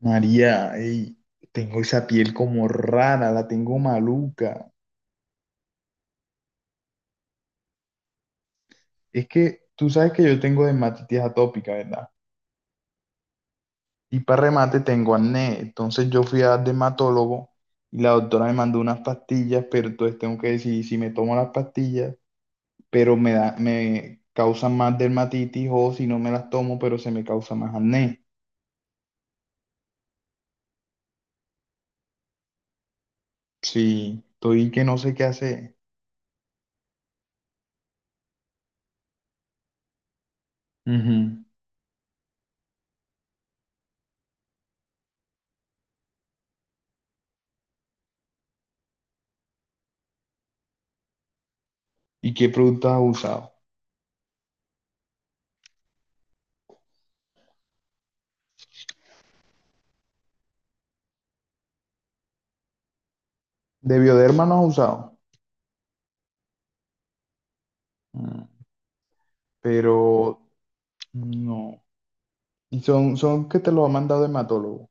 María, ey, tengo esa piel como rara, la tengo maluca. Es que tú sabes que yo tengo dermatitis atópica, ¿verdad? Y para remate tengo acné. Entonces yo fui a dermatólogo y la doctora me mandó unas pastillas, pero entonces tengo que decidir si me tomo las pastillas, pero me da, me causan más dermatitis o si no me las tomo, pero se me causa más acné. Sí, estoy que no sé qué hacer. Ujú. ¿Y qué productos has usado? ¿De Bioderma no has usado? Mm, pero no. Y son, son que te lo ha mandado hematólogo.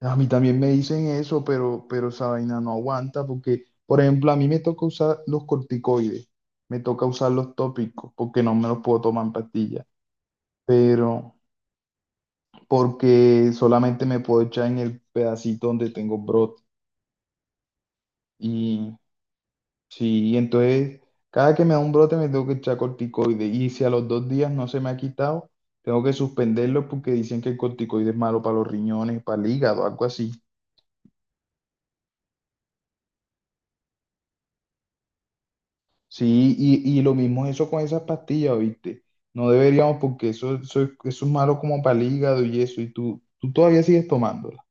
A mí también me dicen eso, pero esa vaina no aguanta porque, por ejemplo, a mí me toca usar los corticoides, me toca usar los tópicos porque no me los puedo tomar en pastilla, pero porque solamente me puedo echar en el pedacito donde tengo brote. Sí, entonces cada que me da un brote me tengo que echar corticoide y si a los dos días no se me ha quitado, tengo que suspenderlo porque dicen que el corticoide es malo para los riñones, para el hígado, algo así. Sí, y lo mismo es eso con esas pastillas, ¿viste? No deberíamos porque eso es malo como para el hígado y eso, y tú todavía sigues tomándola.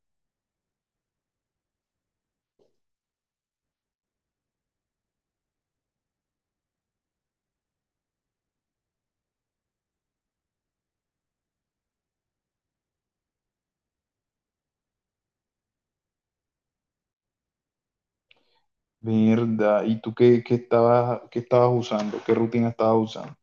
Verdad, ¿y tú qué, qué estabas usando? ¿Qué rutina estabas usando?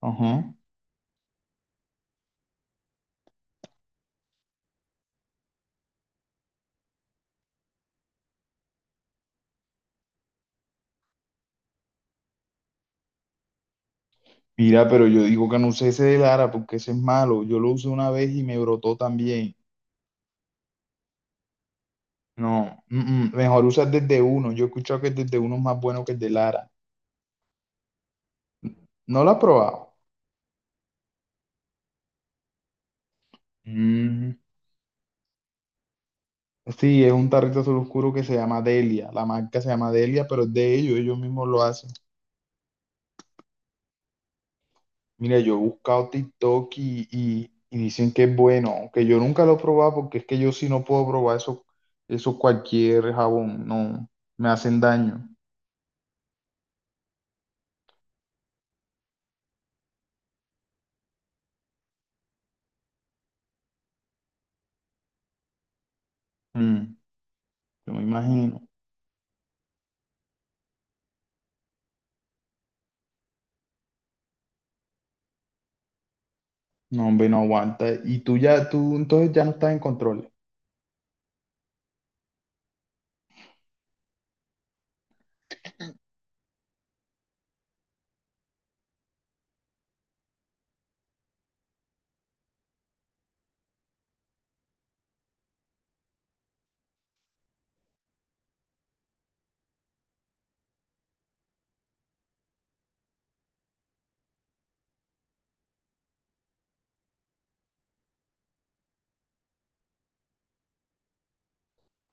Ajá. Mira, pero yo digo que no usé ese de Lara porque ese es malo. Yo lo usé una vez y me brotó también. No, mejor usas desde uno. Yo he escuchado que el desde uno es más bueno que el de Lara. ¿No lo has probado? Mm, sí, es un tarrito azul oscuro que se llama Delia. La marca se llama Delia, pero es de ellos, ellos mismos lo hacen. Mira, yo he buscado TikTok y dicen que es bueno, aunque yo nunca lo he probado porque es que yo sí no puedo probar eso, eso cualquier jabón, no, me hacen daño. Mm, yo me imagino. No, hombre, no aguanta. Y tú ya, tú entonces ya no estás en control.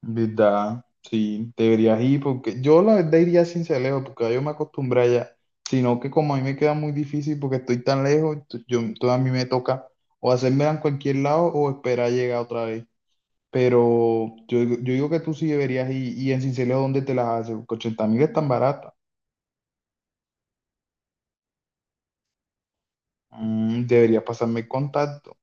¿Verdad? Sí, deberías ir porque yo la verdad iría sin Celeo porque yo me acostumbré allá, sino que como a mí me queda muy difícil porque estoy tan lejos, yo, entonces a mí me toca o hacerme en cualquier lado o esperar llegar otra vez. Pero yo, yo digo que tú sí deberías ir y en Sincelejo, ¿dónde te las haces? Porque 80.000 es tan barata. Mm, deberías pasarme el contacto.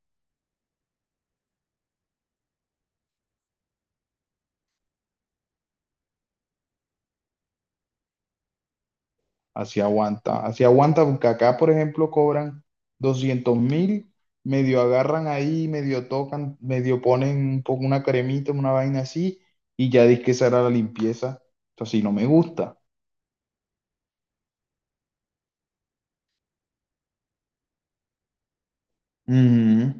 Así aguanta, porque acá, por ejemplo, cobran 200.000, medio agarran ahí, medio tocan, medio ponen un poco una cremita, una vaina así, y ya dice que esa era la limpieza. Entonces, así no me gusta. Ujú.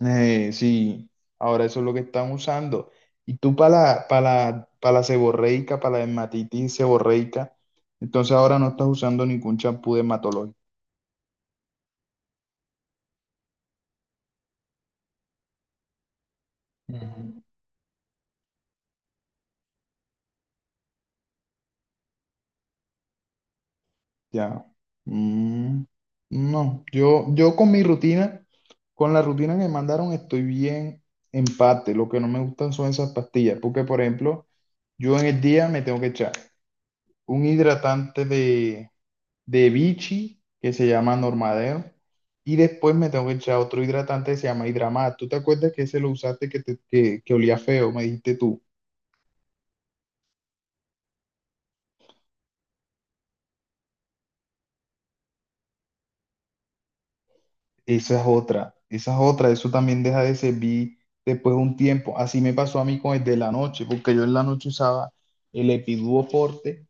Sí, ahora eso es lo que están usando. Y tú para para la seborreica, para la dermatitis seborreica, entonces ahora no estás usando ningún champú dermatológico. Ujú. Ya. Mm, no, yo con mi rutina, con la rutina que me mandaron, estoy bien en parte. Lo que no me gustan son esas pastillas, porque por ejemplo, yo en el día me tengo que echar un hidratante de Vichy, que se llama Normadero, y después me tengo que echar otro hidratante que se llama Hidramat. ¿Tú te acuerdas que ese lo usaste que olía feo, me dijiste tú? Esa es otra, eso también deja de servir después de un tiempo. Así me pasó a mí con el de la noche, porque yo en la noche usaba el Epiduo Forte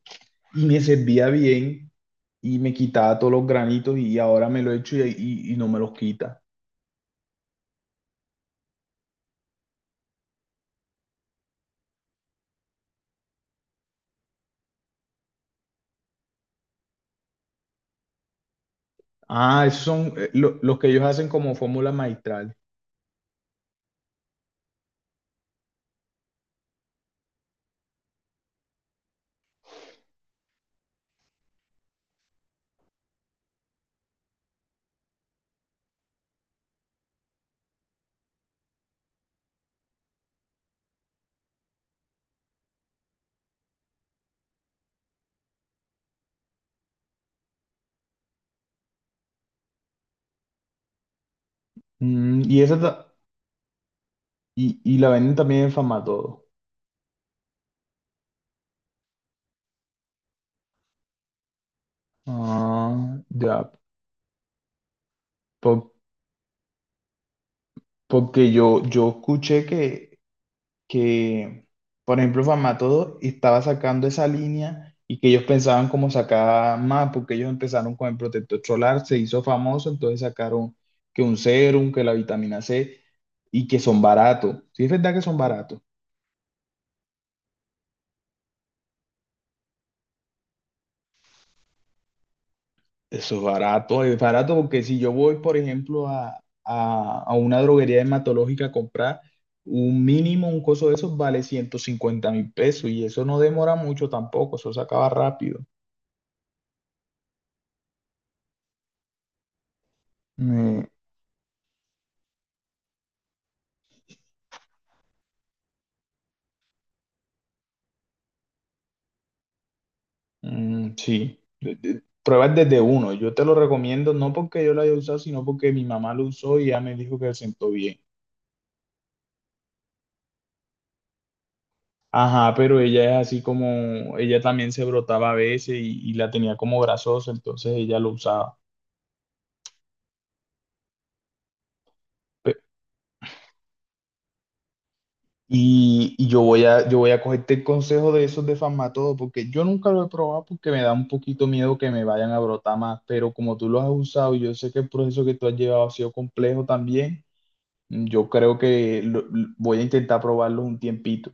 y me servía bien y me quitaba todos los granitos y ahora me lo echo y no me los quita. Ah, esos son los que ellos hacen como fórmula maestral. Mm, y esa ta- y, y la venden también en Famatodo. Ah, ya, por- porque yo escuché que que, por ejemplo, Famatodo estaba sacando esa línea y que ellos pensaban como sacar más, porque ellos empezaron con el protector solar, se hizo famoso, entonces sacaron que un serum, que la vitamina C y que son baratos. Sí, es verdad que son baratos. Eso es barato porque si yo voy, por ejemplo, a, a una droguería dermatológica a comprar un mínimo, un coso de esos vale 150.000 pesos y eso no demora mucho tampoco, eso se acaba rápido. Mm, sí, pruebas desde uno. Yo te lo recomiendo no porque yo lo haya usado, sino porque mi mamá lo usó y ya me dijo que se sentó bien. Ajá, pero ella es así como, ella también se brotaba a veces y la tenía como grasosa, entonces ella lo usaba. Pe- y yo voy a cogerte el consejo de esos de Farmatodo, porque yo nunca lo he probado porque me da un poquito miedo que me vayan a brotar más, pero como tú lo has usado, y yo sé que el proceso que tú has llevado ha sido complejo también. Yo creo que voy a intentar probarlo un tiempito.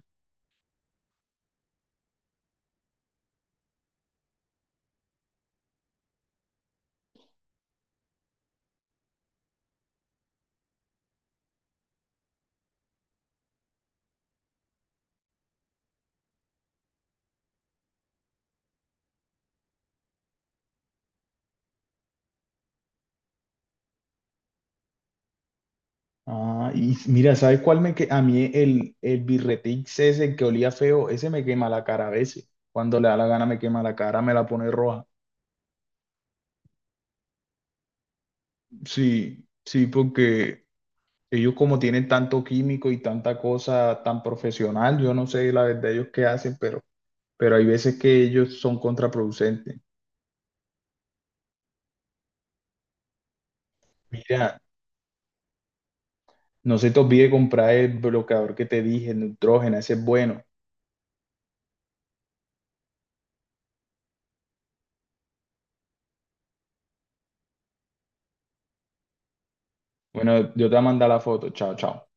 Ah, y mira, ¿sabes cuál me que a mí el birretix ese, el que olía feo, ese me quema la cara a veces. Cuando le da la gana me quema la cara, me la pone roja. Sí, sí, porque ellos como tienen tanto químico y tanta cosa tan profesional, yo no sé la verdad ellos qué hacen, pero hay veces que ellos son contraproducentes. Mira, no se te olvide comprar el bloqueador que te dije, el nitrógeno, ese es bueno. Bueno, yo te voy a mandar la foto. Chao, chao.